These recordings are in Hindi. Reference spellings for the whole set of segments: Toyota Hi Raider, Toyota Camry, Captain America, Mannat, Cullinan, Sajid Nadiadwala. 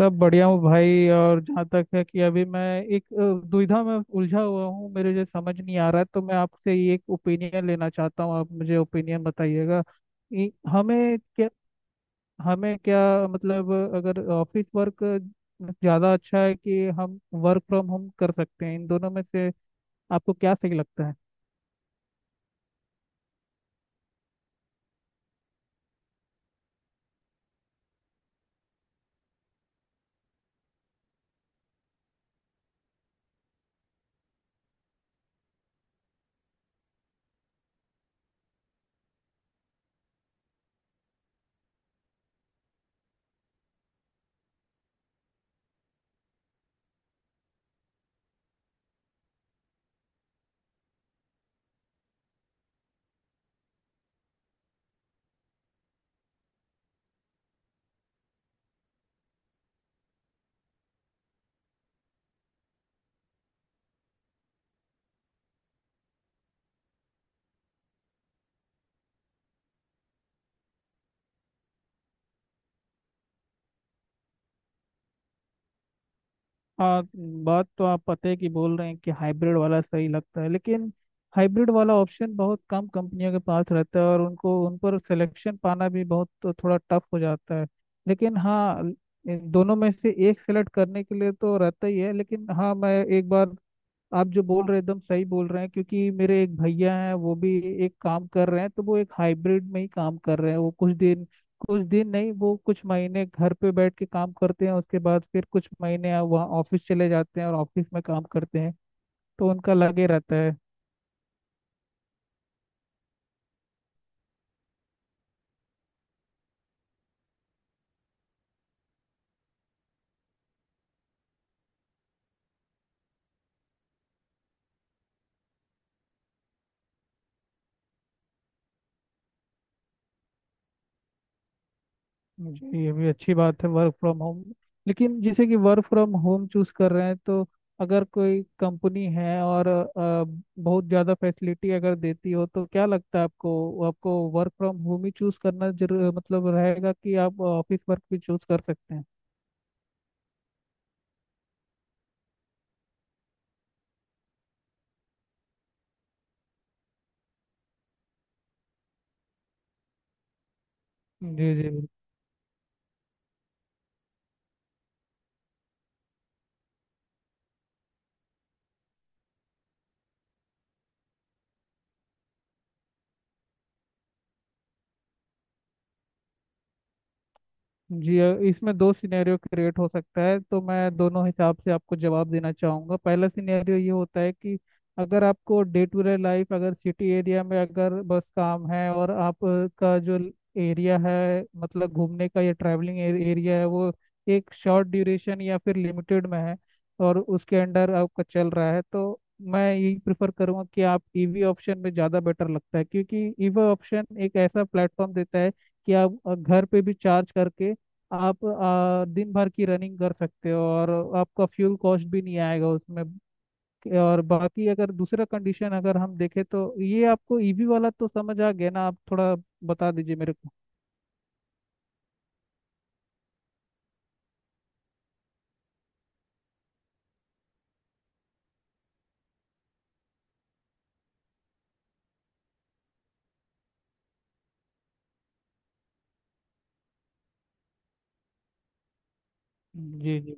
सब बढ़िया हूँ भाई। और जहाँ तक है कि अभी मैं एक दुविधा में उलझा हुआ हूँ मेरे जो समझ नहीं आ रहा है। तो मैं आपसे ये एक ओपिनियन लेना चाहता हूँ। आप मुझे ओपिनियन बताइएगा कि क्या हमें क्या मतलब अगर ऑफिस वर्क ज़्यादा अच्छा है कि हम वर्क फ्रॉम होम कर सकते हैं, इन दोनों में से आपको क्या सही लगता है? हाँ, बात तो आप पते की बोल रहे हैं कि हाइब्रिड वाला सही लगता है, लेकिन हाइब्रिड वाला ऑप्शन बहुत कम कंपनियों के पास रहता है और उनको उन पर सिलेक्शन पाना भी बहुत तो थोड़ा टफ हो जाता है। लेकिन हाँ, इन दोनों में से एक सेलेक्ट करने के लिए तो रहता ही है। लेकिन हाँ, मैं एक बार आप जो बोल रहे हैं एकदम सही बोल रहे हैं क्योंकि मेरे एक भैया हैं वो भी एक काम कर रहे हैं, तो वो एक हाइब्रिड में ही काम कर रहे हैं। वो कुछ दिन, कुछ दिन नहीं, वो कुछ महीने घर पे बैठ के काम करते हैं, उसके बाद फिर कुछ महीने वहाँ ऑफिस चले जाते हैं और ऑफिस में काम करते हैं। तो उनका लगे रहता है। जी, ये भी अच्छी बात है वर्क फ्रॉम होम। लेकिन जैसे कि वर्क फ्रॉम होम चूज कर रहे हैं तो अगर कोई कंपनी है और बहुत ज़्यादा फैसिलिटी अगर देती हो तो क्या लगता है आपको? आपको वर्क फ्रॉम होम ही चूज करना जरूर मतलब रहेगा, कि आप ऑफिस वर्क भी चूज कर सकते हैं? जी जी। जी इसमें दो सिनेरियो क्रिएट हो सकता है, तो मैं दोनों हिसाब से आपको जवाब देना चाहूँगा। पहला सिनेरियो ये होता है कि अगर आपको डे टू डे लाइफ अगर सिटी एरिया में अगर बस काम है और आपका जो एरिया है मतलब घूमने का या ट्रैवलिंग एरिया है वो एक शॉर्ट ड्यूरेशन या फिर लिमिटेड में है और उसके अंडर आपका चल रहा है, तो मैं यही प्रेफर करूँगा कि आप ईवी ऑप्शन में ज़्यादा बेटर लगता है। क्योंकि ईवी ऑप्शन एक ऐसा प्लेटफॉर्म देता है कि आप घर पे भी चार्ज करके आप दिन भर की रनिंग कर सकते हो और आपका फ्यूल कॉस्ट भी नहीं आएगा उसमें। और बाकी अगर दूसरा कंडीशन अगर हम देखें, तो ये आपको ईवी वाला तो समझ आ गया ना? आप थोड़ा बता दीजिए मेरे को। जी जी।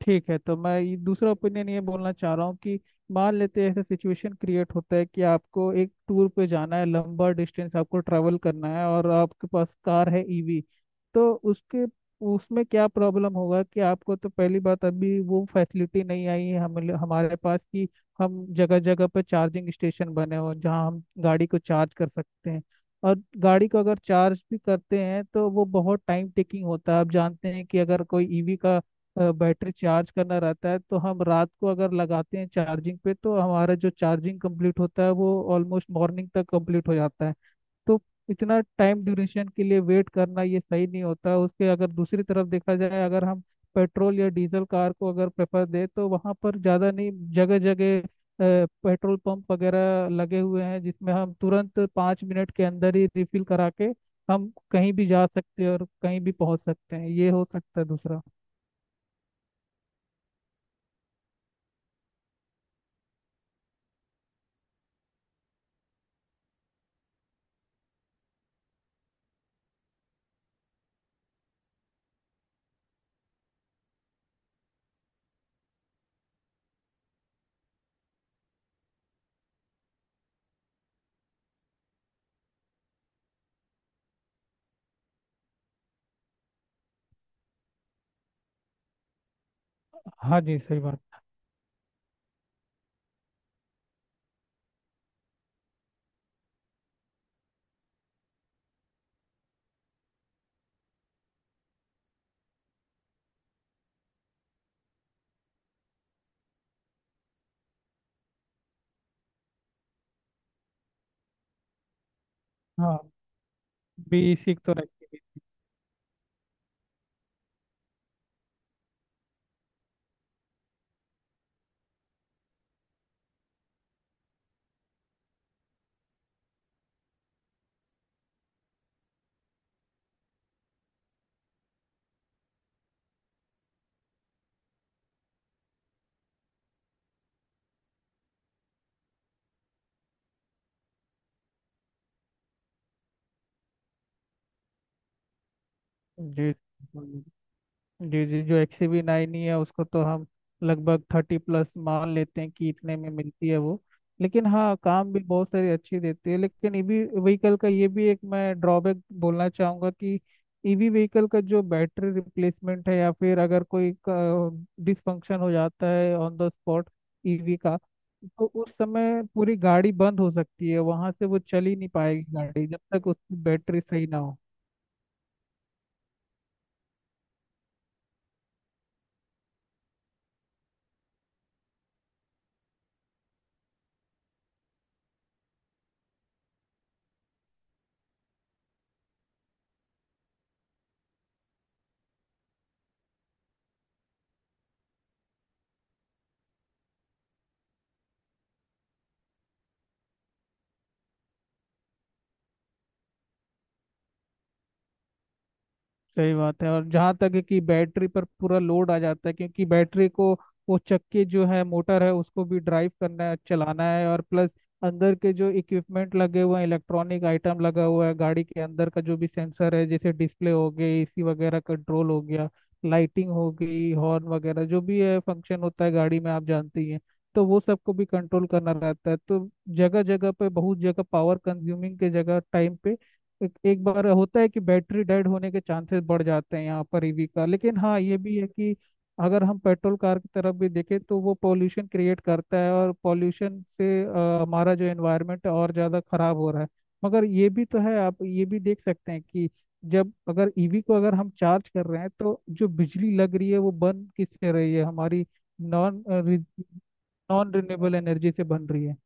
ठीक है, तो मैं ये दूसरा ओपिनियन ये बोलना चाह रहा हूँ कि मान लेते हैं ऐसा सिचुएशन क्रिएट होता है कि आपको एक टूर पे जाना है, लंबा डिस्टेंस आपको ट्रैवल करना है और आपके पास कार है ईवी। तो उसके उसमें क्या प्रॉब्लम होगा कि आपको तो पहली बात अभी वो फैसिलिटी नहीं आई है हम हमारे पास कि हम जगह जगह पर चार्जिंग स्टेशन बने हों जहाँ हम गाड़ी को चार्ज कर सकते हैं। और गाड़ी को अगर चार्ज भी करते हैं तो वो बहुत टाइम टेकिंग होता है। आप जानते हैं कि अगर कोई ईवी का बैटरी चार्ज करना रहता है तो हम रात को अगर लगाते हैं चार्जिंग पे, तो हमारा जो चार्जिंग कंप्लीट होता है वो ऑलमोस्ट मॉर्निंग तक कंप्लीट हो जाता है। तो इतना टाइम ड्यूरेशन के लिए वेट करना ये सही नहीं होता। उसके अगर दूसरी तरफ देखा जाए अगर हम पेट्रोल या डीजल कार को अगर प्रेफर दें तो वहाँ पर ज़्यादा नहीं, जगह जगह पेट्रोल पंप वगैरह लगे हुए हैं जिसमें हम तुरंत 5 मिनट के अंदर ही रिफिल करा के हम कहीं भी जा सकते हैं और कहीं भी पहुंच सकते हैं। ये हो सकता है दूसरा। हाँ जी, सही बात। हाँ, बेसिक तो रखी है। जी जी। जी जो XV9 ही है उसको तो हम लगभग 30+ मान लेते हैं कि इतने में मिलती है वो। लेकिन हाँ, काम भी बहुत सारी अच्छी देती है। लेकिन ईवी व्हीकल का ये भी एक मैं ड्रॉबैक बोलना चाहूँगा कि ईवी व्हीकल का जो बैटरी रिप्लेसमेंट है या फिर अगर कोई डिसफंक्शन हो जाता है ऑन द स्पॉट ईवी का, तो उस समय पूरी गाड़ी बंद हो सकती है, वहां से वो चल ही नहीं पाएगी गाड़ी जब तक उसकी बैटरी सही ना हो। सही बात है। और जहाँ तक है कि बैटरी पर पूरा लोड आ जाता है, क्योंकि बैटरी को वो चक्के जो है मोटर है उसको भी ड्राइव करना है चलाना है और प्लस अंदर के जो इक्विपमेंट लगे हुए हैं, इलेक्ट्रॉनिक आइटम लगा हुआ है, गाड़ी के अंदर का जो भी सेंसर है, जैसे डिस्प्ले हो गई, एसी वगैरह कंट्रोल हो गया, लाइटिंग हो गई, हॉर्न वगैरह जो भी है फंक्शन होता है गाड़ी में आप जानते ही हैं। तो वो सबको भी कंट्रोल करना रहता है, तो जगह जगह पे बहुत जगह पावर कंज्यूमिंग के जगह टाइम पे एक बार होता है कि बैटरी डेड होने के चांसेस बढ़ जाते हैं यहाँ पर ईवी का। लेकिन हाँ, ये भी है कि अगर हम पेट्रोल कार की तरफ भी देखें तो वो पॉल्यूशन क्रिएट करता है, और पॉल्यूशन से हमारा जो एनवायरनमेंट है और ज़्यादा खराब हो रहा है। मगर ये भी तो है, आप ये भी देख सकते हैं कि जब अगर ईवी को अगर हम चार्ज कर रहे हैं तो जो बिजली लग रही है वो बन किससे रही है हमारी? नॉन नॉन रिन्यूएबल एनर्जी से बन रही है।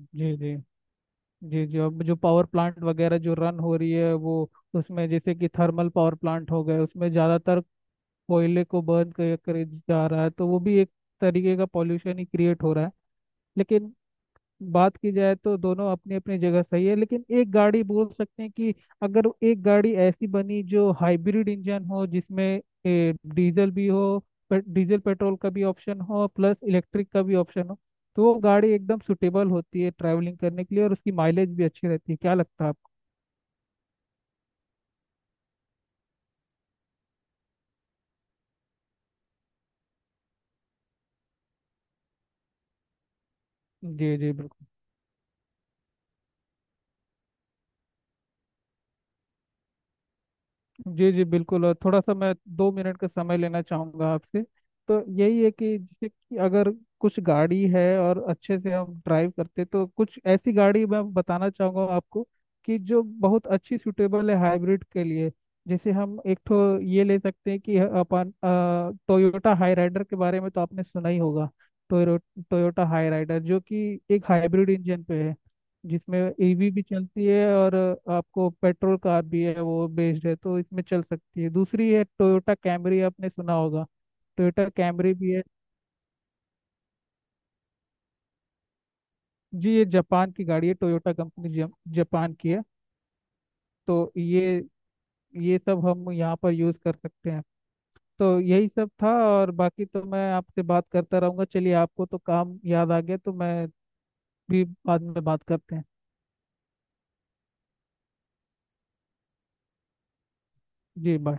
जी जी। जी जी, अब जो पावर प्लांट वगैरह जो रन हो रही है वो उसमें जैसे कि थर्मल पावर प्लांट हो गए उसमें ज़्यादातर कोयले को बर्न कर जा रहा है तो वो भी एक तरीके का पॉल्यूशन ही क्रिएट हो रहा है। लेकिन बात की जाए तो दोनों अपनी अपनी जगह सही है, लेकिन एक गाड़ी बोल सकते हैं कि अगर एक गाड़ी ऐसी बनी जो हाइब्रिड इंजन हो जिसमें डीजल भी हो डीजल पेट्रोल का भी ऑप्शन हो प्लस इलेक्ट्रिक का भी ऑप्शन हो, तो वो गाड़ी एकदम सुटेबल होती है ट्रैवलिंग करने के लिए और उसकी माइलेज भी अच्छी रहती है। क्या लगता है आपको? जी जी बिल्कुल। जी जी बिल्कुल, और थोड़ा सा मैं 2 मिनट का समय लेना चाहूँगा आपसे। तो यही है कि जैसे कि अगर कुछ गाड़ी है और अच्छे से हम ड्राइव करते तो कुछ ऐसी गाड़ी मैं बताना चाहूँगा आपको कि जो बहुत अच्छी सूटेबल है हाइब्रिड के लिए। जैसे हम एक तो ये ले सकते हैं कि अपन टोयोटा हाई राइडर के बारे में तो आपने सुना ही होगा। टोयो टोयोटा हाई राइडर जो कि एक हाइब्रिड इंजन पे है जिसमें ईवी भी चलती है और आपको पेट्रोल कार भी है वो बेस्ड है तो इसमें चल सकती है। दूसरी है टोयोटा कैमरी, आपने सुना होगा। टोयोटा कैमरी भी है। जी, ये जापान की गाड़ी है, टोयोटा कंपनी जापान की है। तो ये सब हम यहाँ पर यूज़ कर सकते हैं। तो यही सब था, और बाकी तो मैं आपसे बात करता रहूँगा। चलिए, आपको तो काम याद आ गया तो मैं भी बाद में बात करते हैं। जी बाय।